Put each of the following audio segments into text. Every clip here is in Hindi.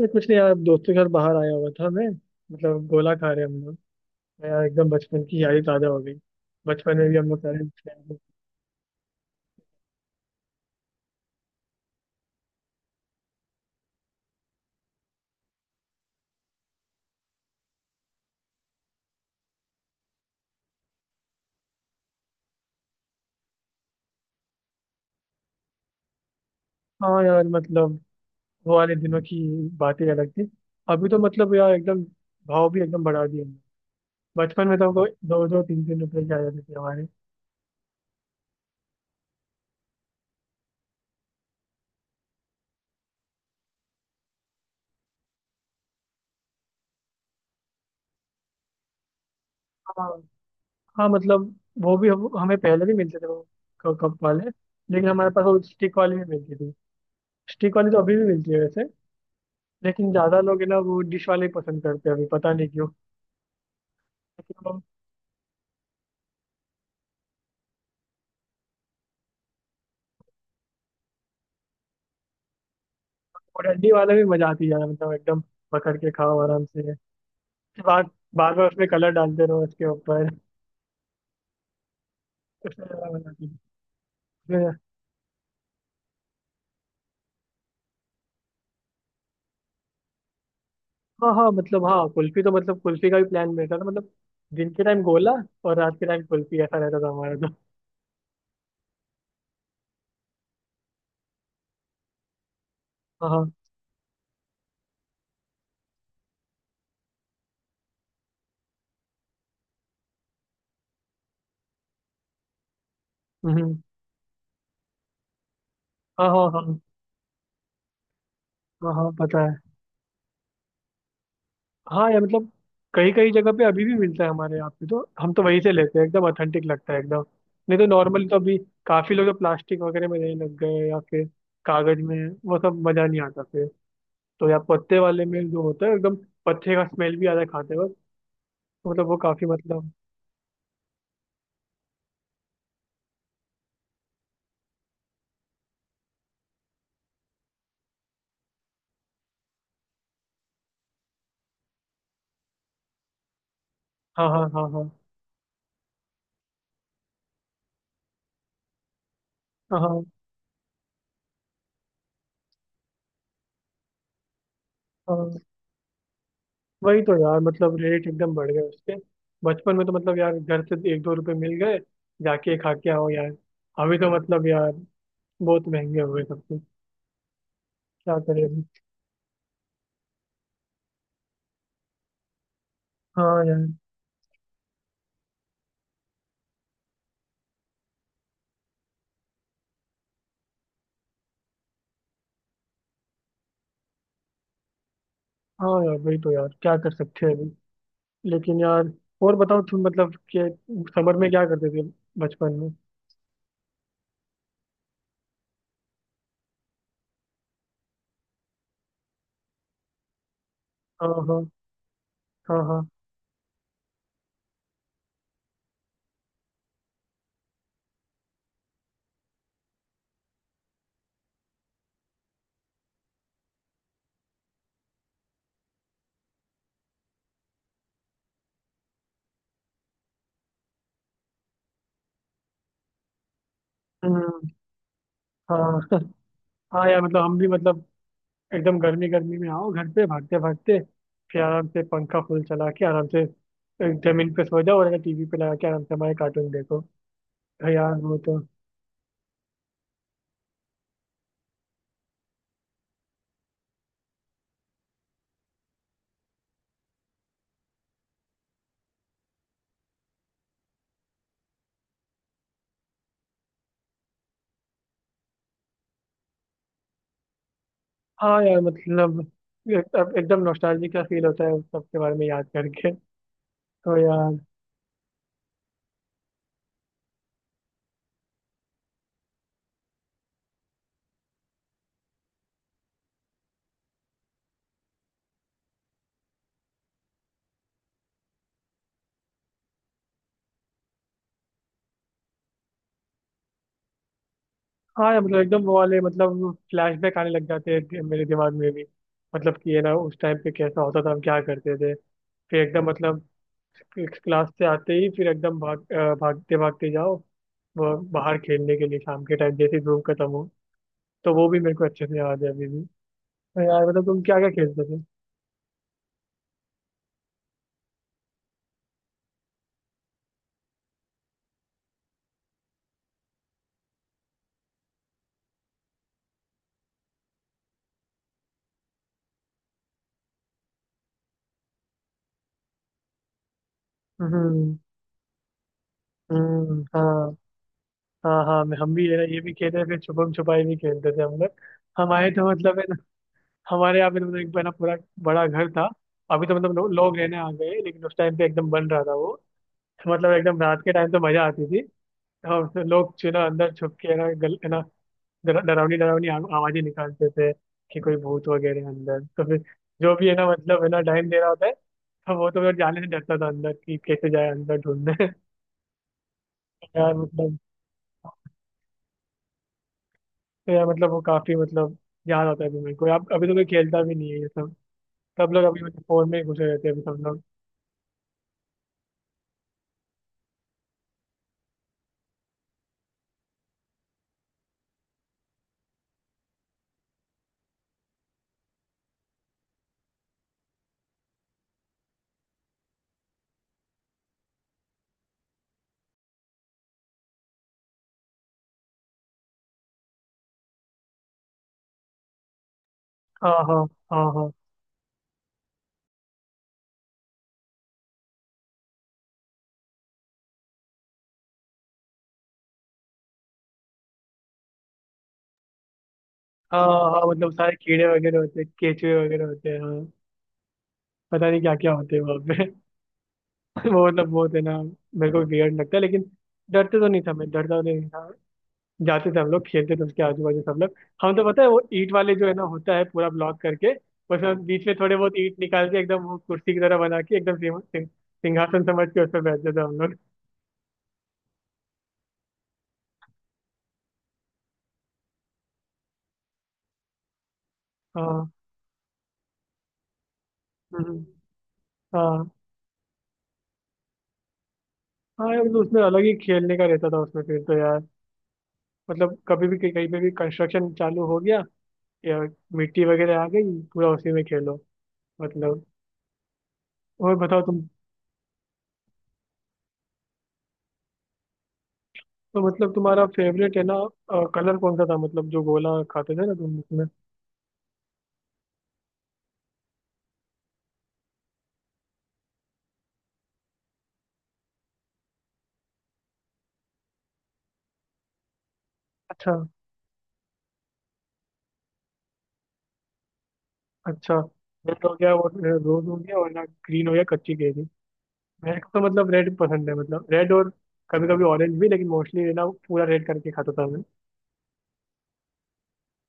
ये कुछ नहीं यार, दोस्तों के साथ बाहर आया हुआ था मैं। मतलब गोला खा रहे हम लोग। तो यार एकदम बचपन की यादें ताजा हो गई। बचपन में भी हम लोग सारे हाँ यार, मतलब वो वाले दिनों की बातें अलग थी। अभी तो मतलब यार एकदम भाव भी एकदम बढ़ा दिए हमने। बचपन में तो हमको दो दो तीन तीन रुपए के आ जाते थे हमारे। हाँ हाँ, मतलब वो भी हमें पहले भी मिलते थे वो कप वाले। लेकिन हमारे पास वो स्टिक वाली भी मिलती थी। स्टिक वाली तो अभी भी मिलती है वैसे। लेकिन ज्यादा लोग है ना वो डिश वाले ही पसंद करते हैं अभी। पता नहीं क्यों। और हल्दी वाला भी मजा आती है यार, मतलब एकदम पकड़ के खाओ आराम से। बार बार बार उसमें कलर डालते रहो उसके ऊपर। उसमें ज्यादा मजा आती है। उसमें- हाँ हाँ, मतलब हाँ कुल्फी तो, मतलब कुल्फी का भी प्लान रहता था मतलब। दिन के टाइम गोला और रात के टाइम कुल्फी, ऐसा रहता था हमारा तो। हाँ हाँ, हम्म, हाँ हाँ हाँ हाँ, हाँ पता है। हाँ यार, मतलब कई कई जगह पे अभी भी मिलता है हमारे यहाँ पे, तो हम तो वहीं से लेते हैं, एकदम ऑथेंटिक लगता है एकदम। नहीं तो नॉर्मल तो अभी काफी लोग तो प्लास्टिक वगैरह में रहने लग गए या फिर कागज में। वो सब मजा नहीं आता फिर। तो यार पत्ते वाले में जो होता है एकदम, पत्ते का स्मेल भी आता है खाते वक्त। तो मतलब वो काफी मतलब, हाँ हाँ हाँ हाँ हाँ हाँ हाँ। वही तो यार, मतलब रेट एकदम बढ़ गए उसके। बचपन में तो मतलब यार घर से एक दो रुपए मिल गए, जाके खा के आओ यार। अभी तो मतलब यार बहुत महंगे हो गए सब कुछ। क्या करें अभी। हाँ यार। हाँ यार वही तो यार, क्या कर सकते हैं अभी। लेकिन यार, और बताओ तुम, मतलब कि समर में क्या करते थे बचपन में। हाँ हाँ हाँ हाँ, हम्म, हाँ हाँ यार, मतलब हम भी मतलब एकदम गर्मी गर्मी में आओ घर पे भागते भागते, फिर आराम से पंखा फुल चला के आराम से जमीन पे सो जाओ, और टीवी पे लगा के आराम से हमारे कार्टून देखो। तो यार वो तो, हाँ यार मतलब अब एकदम नॉस्टैल्जिक का फील होता है उस सब के बारे में याद करके। तो यार हाँ यार, मतलब एकदम वो वाले मतलब फ्लैशबैक आने लग जाते हैं मेरे दिमाग में भी। मतलब कि ये ना उस टाइम पे कैसा होता था, हम क्या करते थे। फिर एकदम मतलब क्लास से आते ही फिर एकदम भागते भागते जाओ वो बाहर खेलने के लिए शाम के टाइम जैसे धूप खत्म हो। तो वो भी मेरे को अच्छे से याद है अभी भी। तो यार, मतलब तुम क्या क्या खेलते थे। हम्म हम्म, हाँ हाँ हाँ हम भी ये ना ये भी खेले, फिर छुपम छुपाई भी खेलते थे हम लोग। हमारे तो मतलब है ना, हमारे यहाँ पे तो मतलब एक बना पूरा बड़ा घर था। अभी तो मतलब लोग रहने आ गए, लेकिन उस टाइम पे एकदम बन रहा था वो। मतलब एकदम रात के टाइम तो मजा आती थी। और फिर लोग चुना अंदर छुप के है ना है ना डरावनी डरावनी आवाजें निकालते थे कि कोई भूत वगैरह है अंदर। तो फिर जो भी है ना मतलब है ना टाइम दे रहा होता है, तो वो तो फिर जाने से डरता था अंदर, कि कैसे जाए अंदर ढूंढने यार मतलब, तो यार मतलब वो काफी मतलब याद आता है अभी मेरे को। अब अभी तो कोई खेलता भी नहीं है ये सब। सब लोग अभी मतलब फोन में ही घुसे रहते हैं अभी सब लोग। हाँ हाँ हाँ हाँ, हाँ हाँ मतलब सारे कीड़े वगैरह होते हैं, केचुए वगैरह होते हैं, हाँ। पता नहीं क्या क्या होते हैं वहाँ पे वो मतलब बहुत है ना, मेरे को वियर्ड लगता है। लेकिन डरते तो नहीं था, मैं डरता तो नहीं था। जाते थे, हम लोग खेलते थे उसके आजू बाजू सब लोग। हम तो पता है वो ईंट वाले जो है ना होता है पूरा ब्लॉक करके, उसमें हम बीच में थोड़े बहुत ईंट निकाल के एकदम वो कुर्सी की तरह बना के एकदम सिंहासन समझ के उसमें बैठते थे हम लोग। हाँ, हम्म, हाँ हाँ यार, मतलब उसमें अलग ही खेलने का रहता था उसमें फिर। तो यार मतलब कभी भी कहीं पे भी कंस्ट्रक्शन चालू हो गया या मिट्टी वगैरह आ गई, पूरा उसी में खेलो मतलब। और बताओ तुम। तो मतलब तुम्हारा फेवरेट है ना कलर कौन सा था, मतलब जो गोला खाते थे ना तुम उसमें। अच्छा। अच्छा, रेड हो गया और रोज हो गया और ना ग्रीन हो गया कच्ची केरी। मेरे को तो मतलब रेड पसंद है, मतलब रेड और कभी कभी ऑरेंज भी, लेकिन मोस्टली ना पूरा रेड करके खाता था मैं।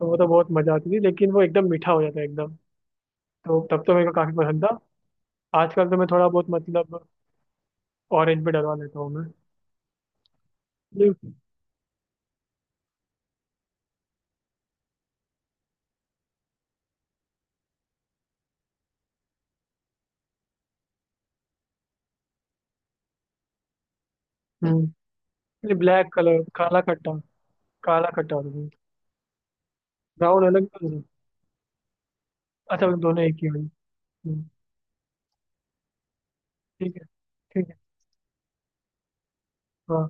तो वो तो बहुत मजा आती थी। लेकिन वो एकदम मीठा हो जाता है एकदम, तो तब तो मेरे को काफी पसंद था। आजकल तो मैं थोड़ा बहुत मतलब ऑरेंज भी डलवा लेता हूँ मैं। ये- हम्म, ब्लैक कलर काला खट्टा। काला खट्टा, ऑरेंज। ब्राउन अलग अच्छा, मतलब दोनों एक ही हुई। हम्म, ठीक है। ठीक है, हाँ।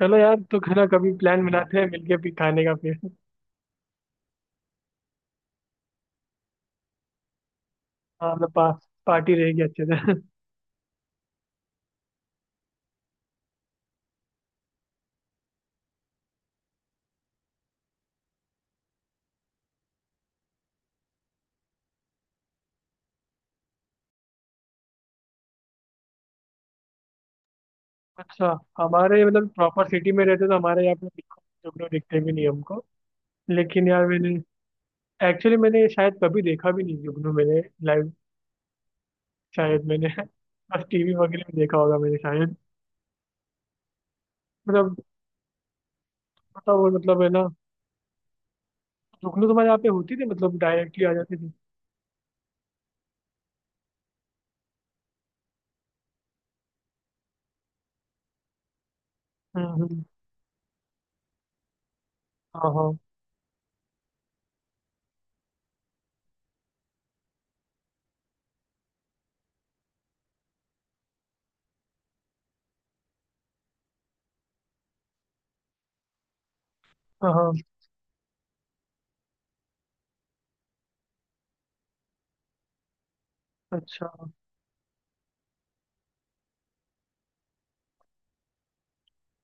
चलो यार, तो खाना कभी प्लान बनाते हैं मिलके भी खाने का फिर। हाँ मतलब पार्टी रहेगी अच्छे से अच्छा, हमारे मतलब प्रॉपर सिटी में रहते तो हमारे यहाँ पे बिल्कुल जुगनू दिखते भी नहीं हमको। लेकिन यार मैंने एक्चुअली, मैंने शायद कभी देखा भी नहीं जुगनू मैंने, लाइव। शायद मैंने बस टीवी वगैरह में देखा होगा मैंने शायद। मतलब पता, वो मतलब है ना जुगनू तुम्हारे यहाँ पे होती थी, मतलब डायरेक्टली आ जाती थी। हम्म, हाँ हाँ हाँ हाँ। अच्छा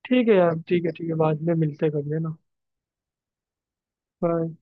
ठीक है यार, ठीक है ठीक है, बाद में मिलते हैं कभी, है ना। Bye.